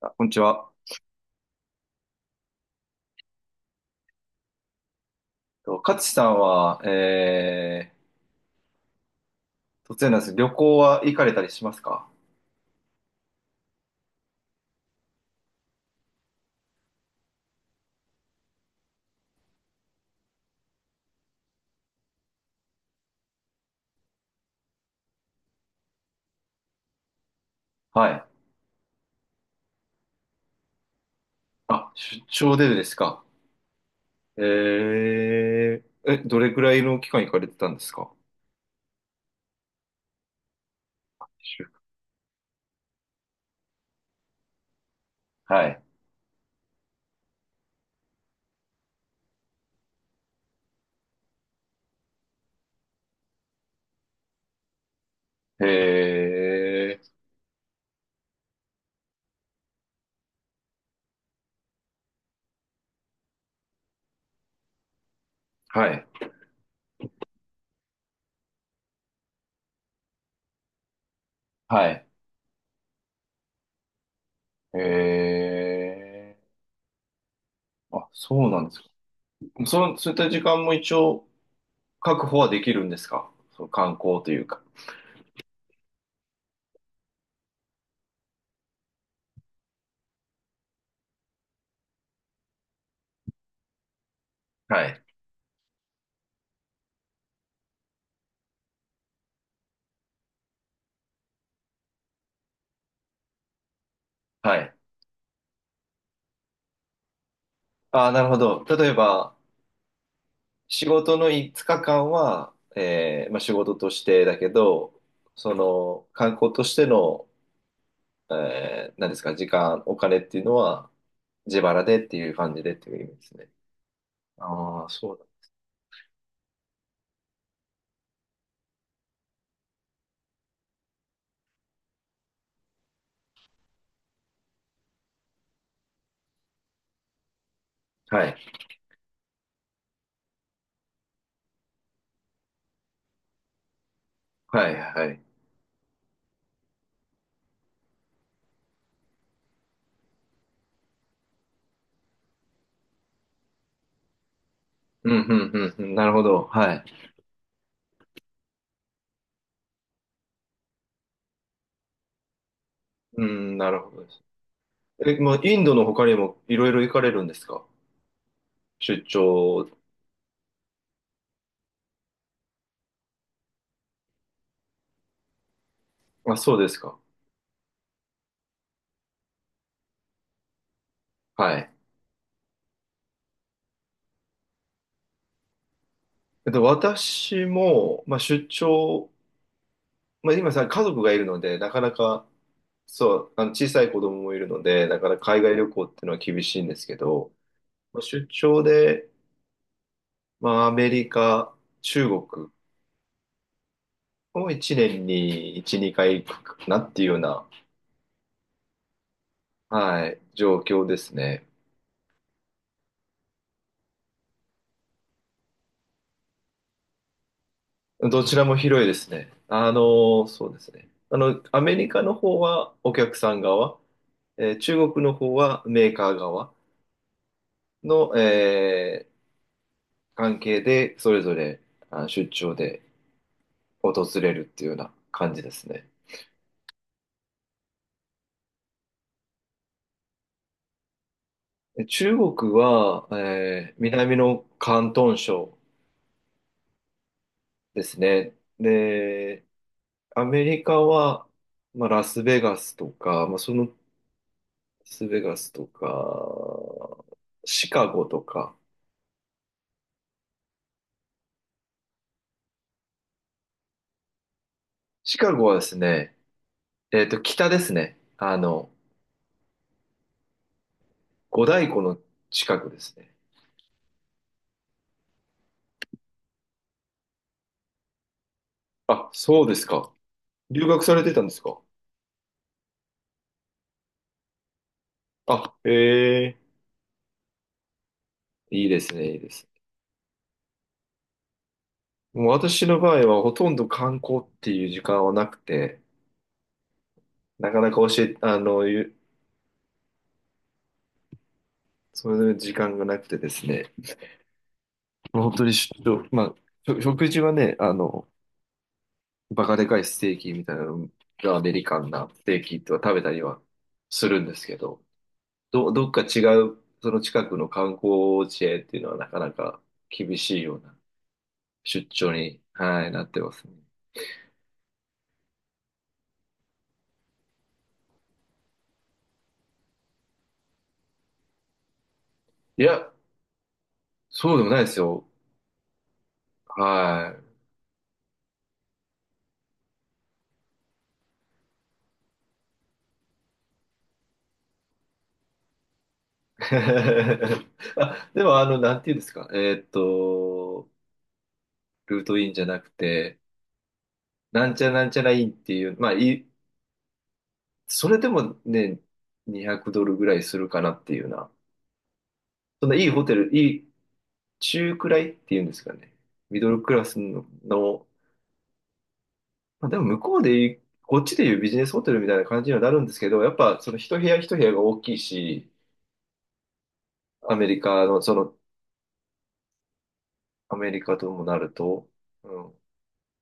あ、こんにちは。と勝さんは、突然なんです。旅行は行かれたりしますか？はい。あ、出張でですか？えどれくらいの期間行かれてたんですか？一週間、はい。えー、はい。はい。えー、あ、そうなんですか。そういった時間も一応確保はできるんですか？そう、観光というか。はい。はい。ああ、なるほど。例えば、仕事の5日間は、まあ、仕事としてだけど、その観光としての、何ですか、時間、お金っていうのは自腹でっていう感じでっていう意味ですね。ああ、そうだ。はい。はい、はい。うん、うん、うん、うん、なるほど。はい。うん、なるほどです。え、まあ、インドの他にもいろいろ行かれるんですか？出張。あ、そうですか。はい。私も、まあ、出張、まあ、今さ、家族がいるので、なかなか、そう、あの小さい子供もいるので、だから海外旅行っていうのは厳しいんですけど、まあ出張で、まあ、アメリカ、中国を1年に1、2回行くかなっていうような、はい、状況ですね。どちらも広いですね。あの、そうですね。あの、アメリカの方はお客さん側、えー中国の方はメーカー側の、えー関係で、それぞれあ出張で訪れるっていうような感じですね。中国は、えー南の広東省ですね。で、アメリカは、まあ、ラスベガスとか、まあ、その、ラスベガスとか、シカゴとか。シカゴはですね、えっと、北ですね。あの、五大湖の近くですね。あ、そうですか。留学されてたんですか？あ、へえ、いいですね、いいですね。もう私の場合はほとんど観光っていう時間はなくて、なかなか教え、ゆそれぞれ時間がなくてですね、本当にしょ、まあ、しょ食事はね、あの、バカでかいステーキみたいなのがアメリカンなステーキとは食べたりはするんですけど、どっか違う、その近くの観光地へっていうのはなかなか厳しいような出張に、はい、なってますね。いや、そうでもないですよ。はい。あ、でも、あの、なんていうんですか。ルートインじゃなくて、なんちゃらなんちゃらいンっていう、まあいい、それでもね、200ドルぐらいするかなっていうな。そんないいホテル、いい中くらいっていうんですかね。ミドルクラスの、のまあ、でも向こうでいうこっちでいうビジネスホテルみたいな感じにはなるんですけど、やっぱその一部屋一部屋が大きいし、アメリカの、その、アメリカともなると、うん。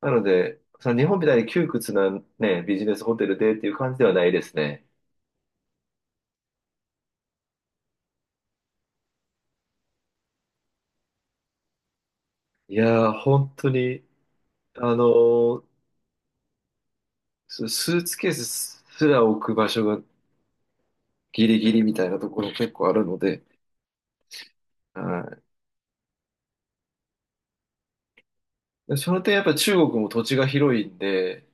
なので、その日本みたいに窮屈なね、ビジネスホテルでっていう感じではないですね。いやー、本当に、あのーそのスーツケースすら置く場所がギリギリみたいなところ結構あるので、はい。でその点やっぱ中国も土地が広いんで、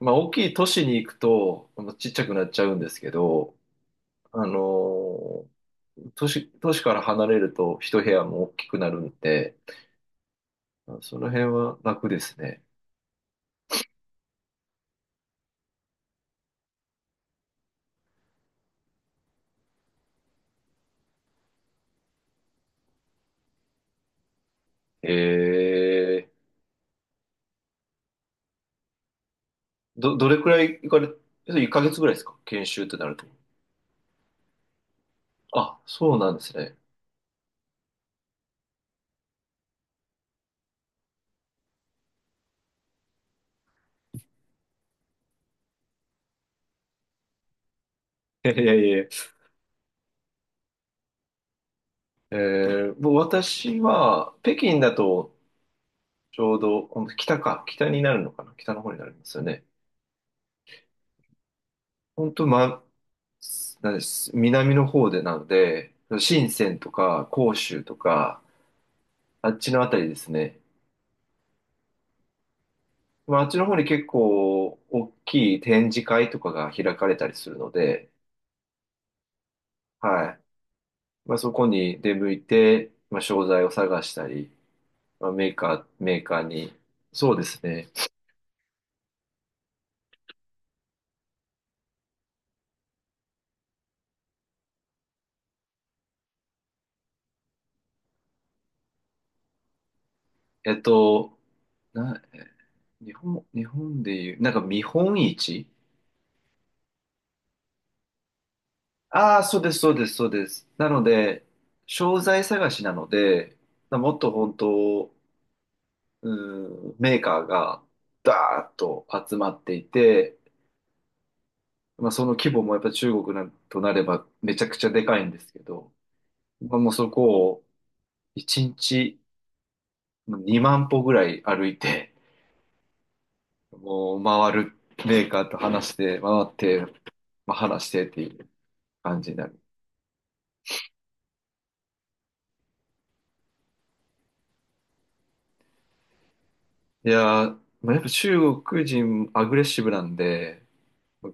まあ大きい都市に行くと、まあちっちゃくなっちゃうんですけど、あのー都市から離れると一部屋も大きくなるんで、その辺は楽ですね。えー、どれくらい行かれ、1ヶ月ぐらいですか研修ってなると。あ、そうなんですね。いやいやいや。えー、もう私は、北京だと、ちょうど、ほんと北か、北になるのかな、北の方になりますよね。本当、ま、なんです、南の方でなので、深センとか、広州とか、あっちのあたりですね。まあ、あっちの方に結構、大きい展示会とかが開かれたりするので、はい。まあ、そこに出向いて、まあ、商材を探したり、まあ、メーカーに、そうですね。えっと、な、え日本でいう、なんか見本市。ああー、そうです、そうです、そうです。なので、商材探しなので、もっと本当、うん、メーカーがダーッと集まっていて、まあ、その規模もやっぱ中国なんとなればめちゃくちゃでかいんですけど、まあ、もうそこを1日2万歩ぐらい歩いて、もう回るメーカーと話して、回って、まあ、話してっていう感じになる。いやー、まあ、やっぱ中国人アグレッシブなんで、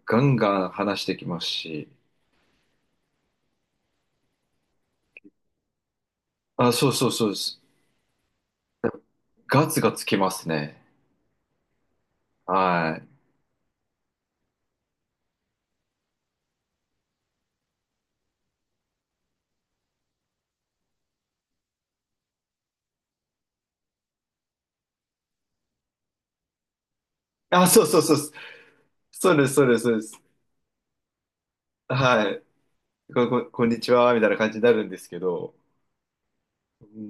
ガンガン話してきますし、あ、そうそうそうです。ガツガツきますね。はい。あ、そうそうそうです。そうです、そうです、そうです。はい。こんにちは、みたいな感じになるんですけど、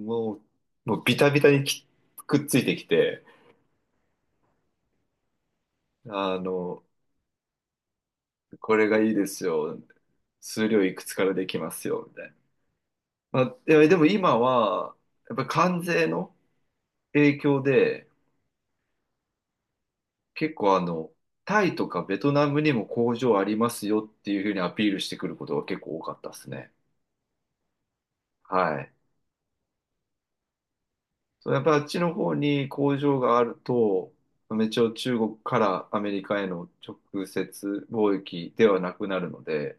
もう、もうビタビタにきくっついてきて、あの、これがいいですよ。数量いくつからできますよ、みたいな。まあ、いやでも今は、やっぱり関税の影響で、結構あの、タイとかベトナムにも工場ありますよっていうふうにアピールしてくることが結構多かったですね。はい。そう、やっぱあっちの方に工場があると、一応中国からアメリカへの直接貿易ではなくなるので、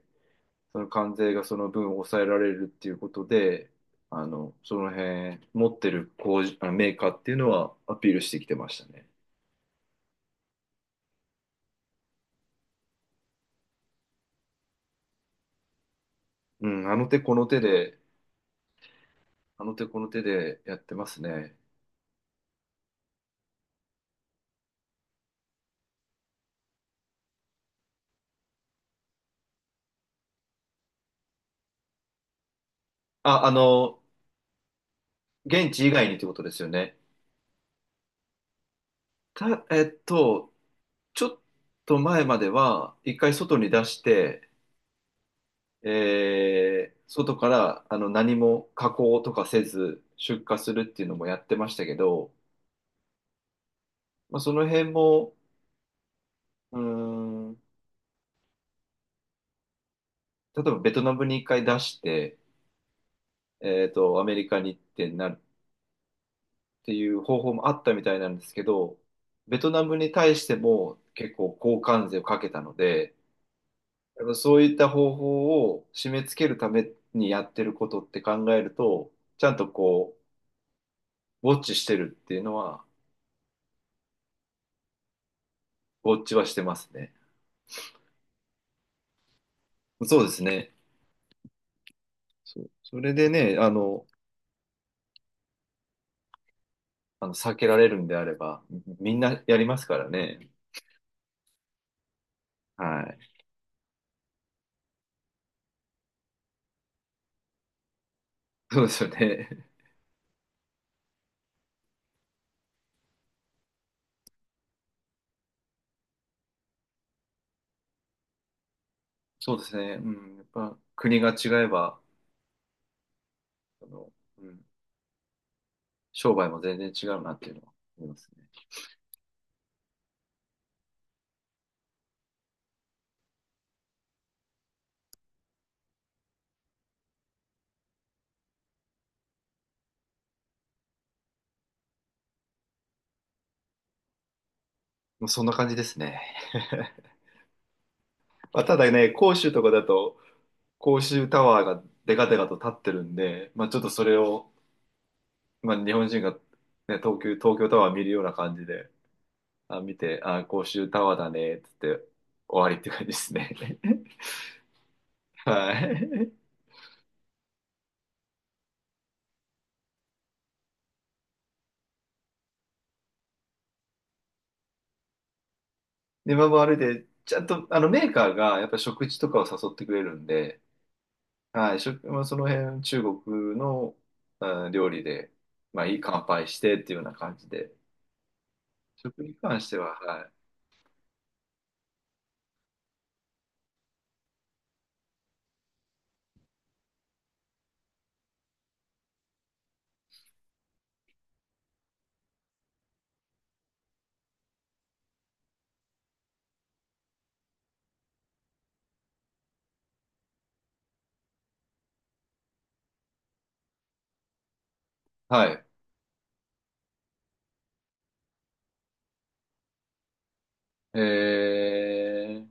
その関税がその分抑えられるっていうことで、あの、その辺持ってる工場、あのメーカーっていうのはアピールしてきてましたね。うん、あの手この手で、あの手この手でやってますね。あ、あの、現地以外にってことですよね。た、えっと、ちょっと前までは、一回外に出して、えー外からあの何も加工とかせず出荷するっていうのもやってましたけど、まあ、その辺も、うーん、例えばベトナムに一回出して、えっと、アメリカに行ってなるっていう方法もあったみたいなんですけど、ベトナムに対しても結構交換税をかけたので、やっぱそういった方法を締め付けるためにやってることって考えると、ちゃんとこう、ウォッチしてるっていうのは、ウォッチはしてますね。そうですね。そう。それでね、あの、あの避けられるんであれば、みんなやりますからね。はい。そうですよね。そうですね。うん。やっぱ国が違えば、あの、うん、商売も全然違うなっていうのは思いますね。もうそんな感じですね。まあ、ただね、広州とかだと、公衆タワーがデカデカと立ってるんで、まあ、ちょっとそれを、まあ、日本人が、ね、東京タワー見るような感じで、あ、見て、あ、公衆タワーだね、つって終わりって感じですね。はい。で、まあで、ちゃんと、あの、メーカーがやっぱ食事とかを誘ってくれるんで、はい、食、まあ、その辺、中国の、うん料理で、まあ、いい乾杯してっていうような感じで、食に関しては、はい。はい。えー、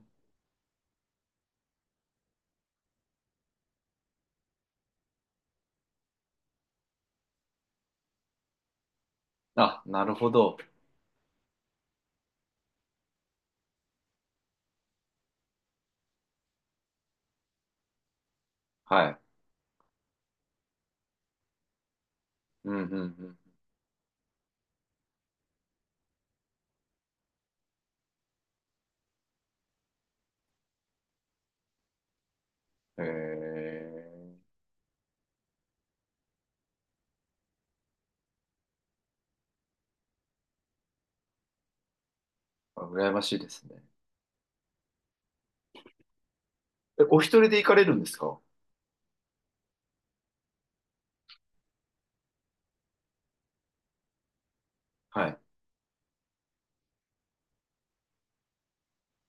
あ、なるほど。はい。うんうんうん。へえー。あ、羨ましいですね。え、お一人で行かれるんですか？はい。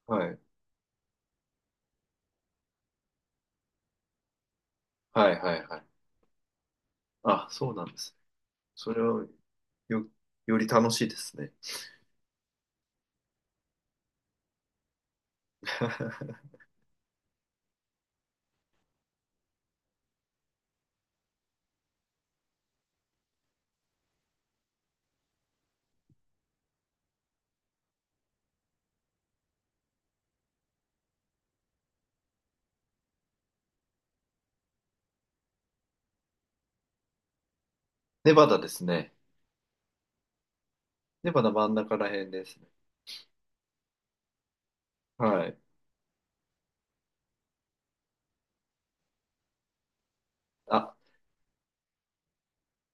はい。はいはいはい。あ、そうなんです。それはよ、より楽しいですね。ネバダですね。ネバダ真ん中ら辺ですね。はい。あ、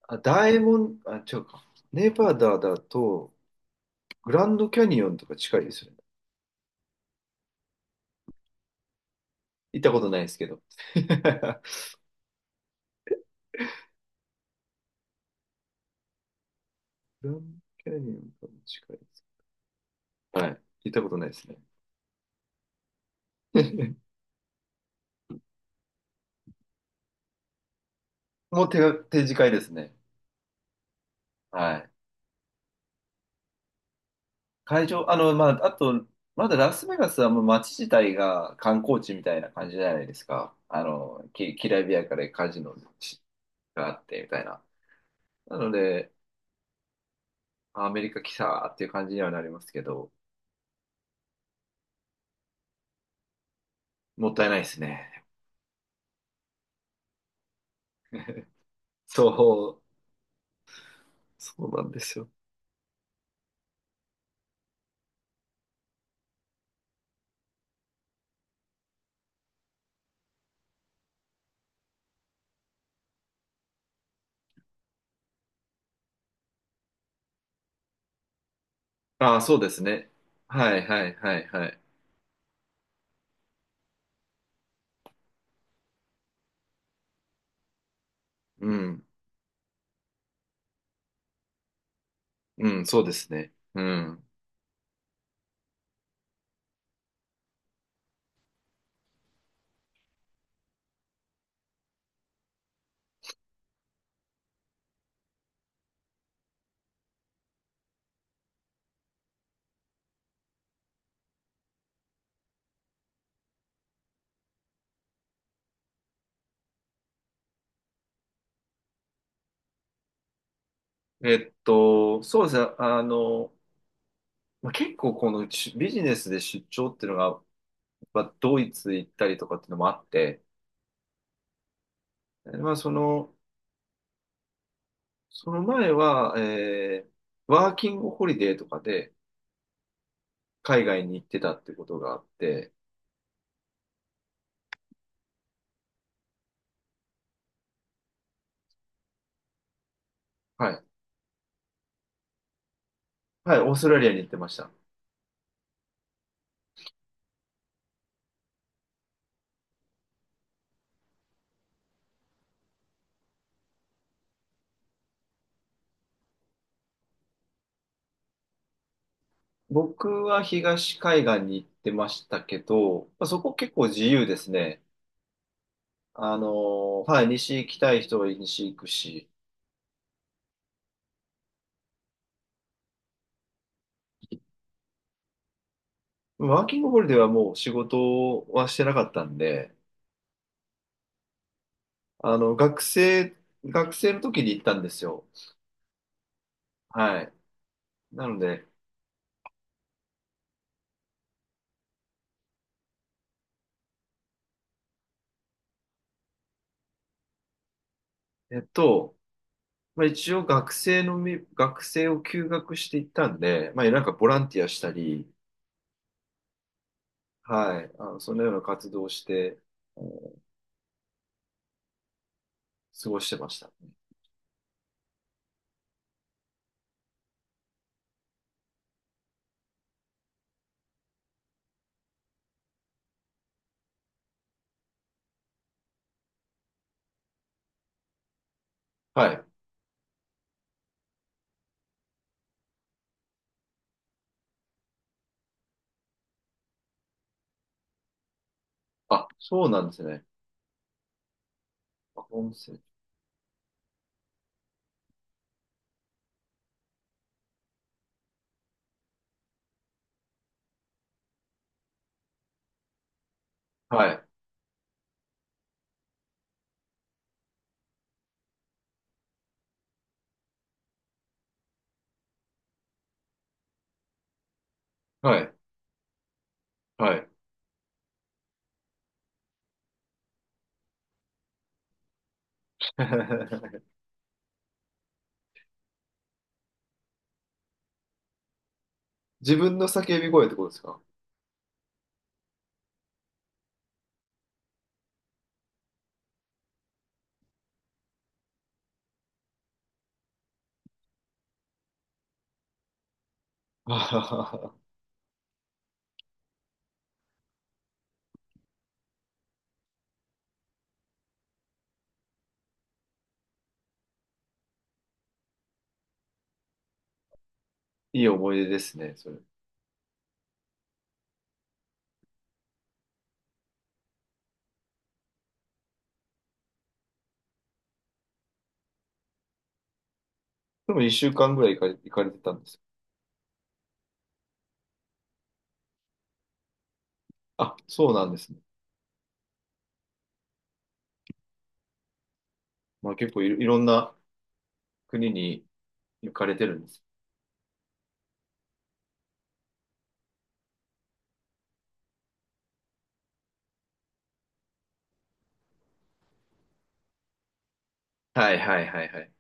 あ、大門、あ、違うか。ネバダだと、グランドキャニオンとか近いですよね。行ったことないですけど。グランドキャニオンとかも近いです。はい。行ったことないですね。もう手が、展示会ですね。はい。会場、あの、まあ、あと、まだラスベガスはもう街自体が観光地みたいな感じじゃないですか。あの、ききらびやかでカジノがあってみたいな。なので、アメリカ来たっていう感じにはなりますけど、もったいないですね。そう、そうなんですよ。ああ、そうですね。はいはいはいはい。うん、うん、そうですね。うん。えっと、そうですね。あの、まあ、結構このしビジネスで出張っていうのがまあ、ドイツ行ったりとかっていうのもあって、えまあ、その、その前は、えーワーキングホリデーとかで海外に行ってたってことがあって、はい。はい、オーストラリアに行ってました。僕は東海岸に行ってましたけど、まあ、そこ結構自由ですね。あのーはい、西行きたい人は西行くし、ワーキングホリデーはもう仕事はしてなかったんで、あの、学生、学生の時に行ったんですよ。はい。なので、えっと、まあ、一応学生のみ、学生を休学していったんで、まあ、なんかボランティアしたり、はい、あの、そのような活動をして、あの過ごしてました。はい。あ、そうなんですね。あ、温泉。はい、はい、はい。自分の叫び声ってことですか？あははは。 いい思い出ですね、それ。でも一週間ぐらい行かれ、行かれてたんですよ。あ、そうなんですね。まあ結構いろ、いろんな国に行かれてるんです。はいはいはいはい。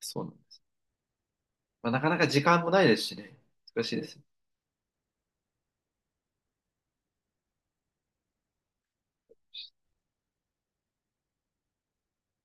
そうなん、まあ、なかなか時間もないですしね。難しいです。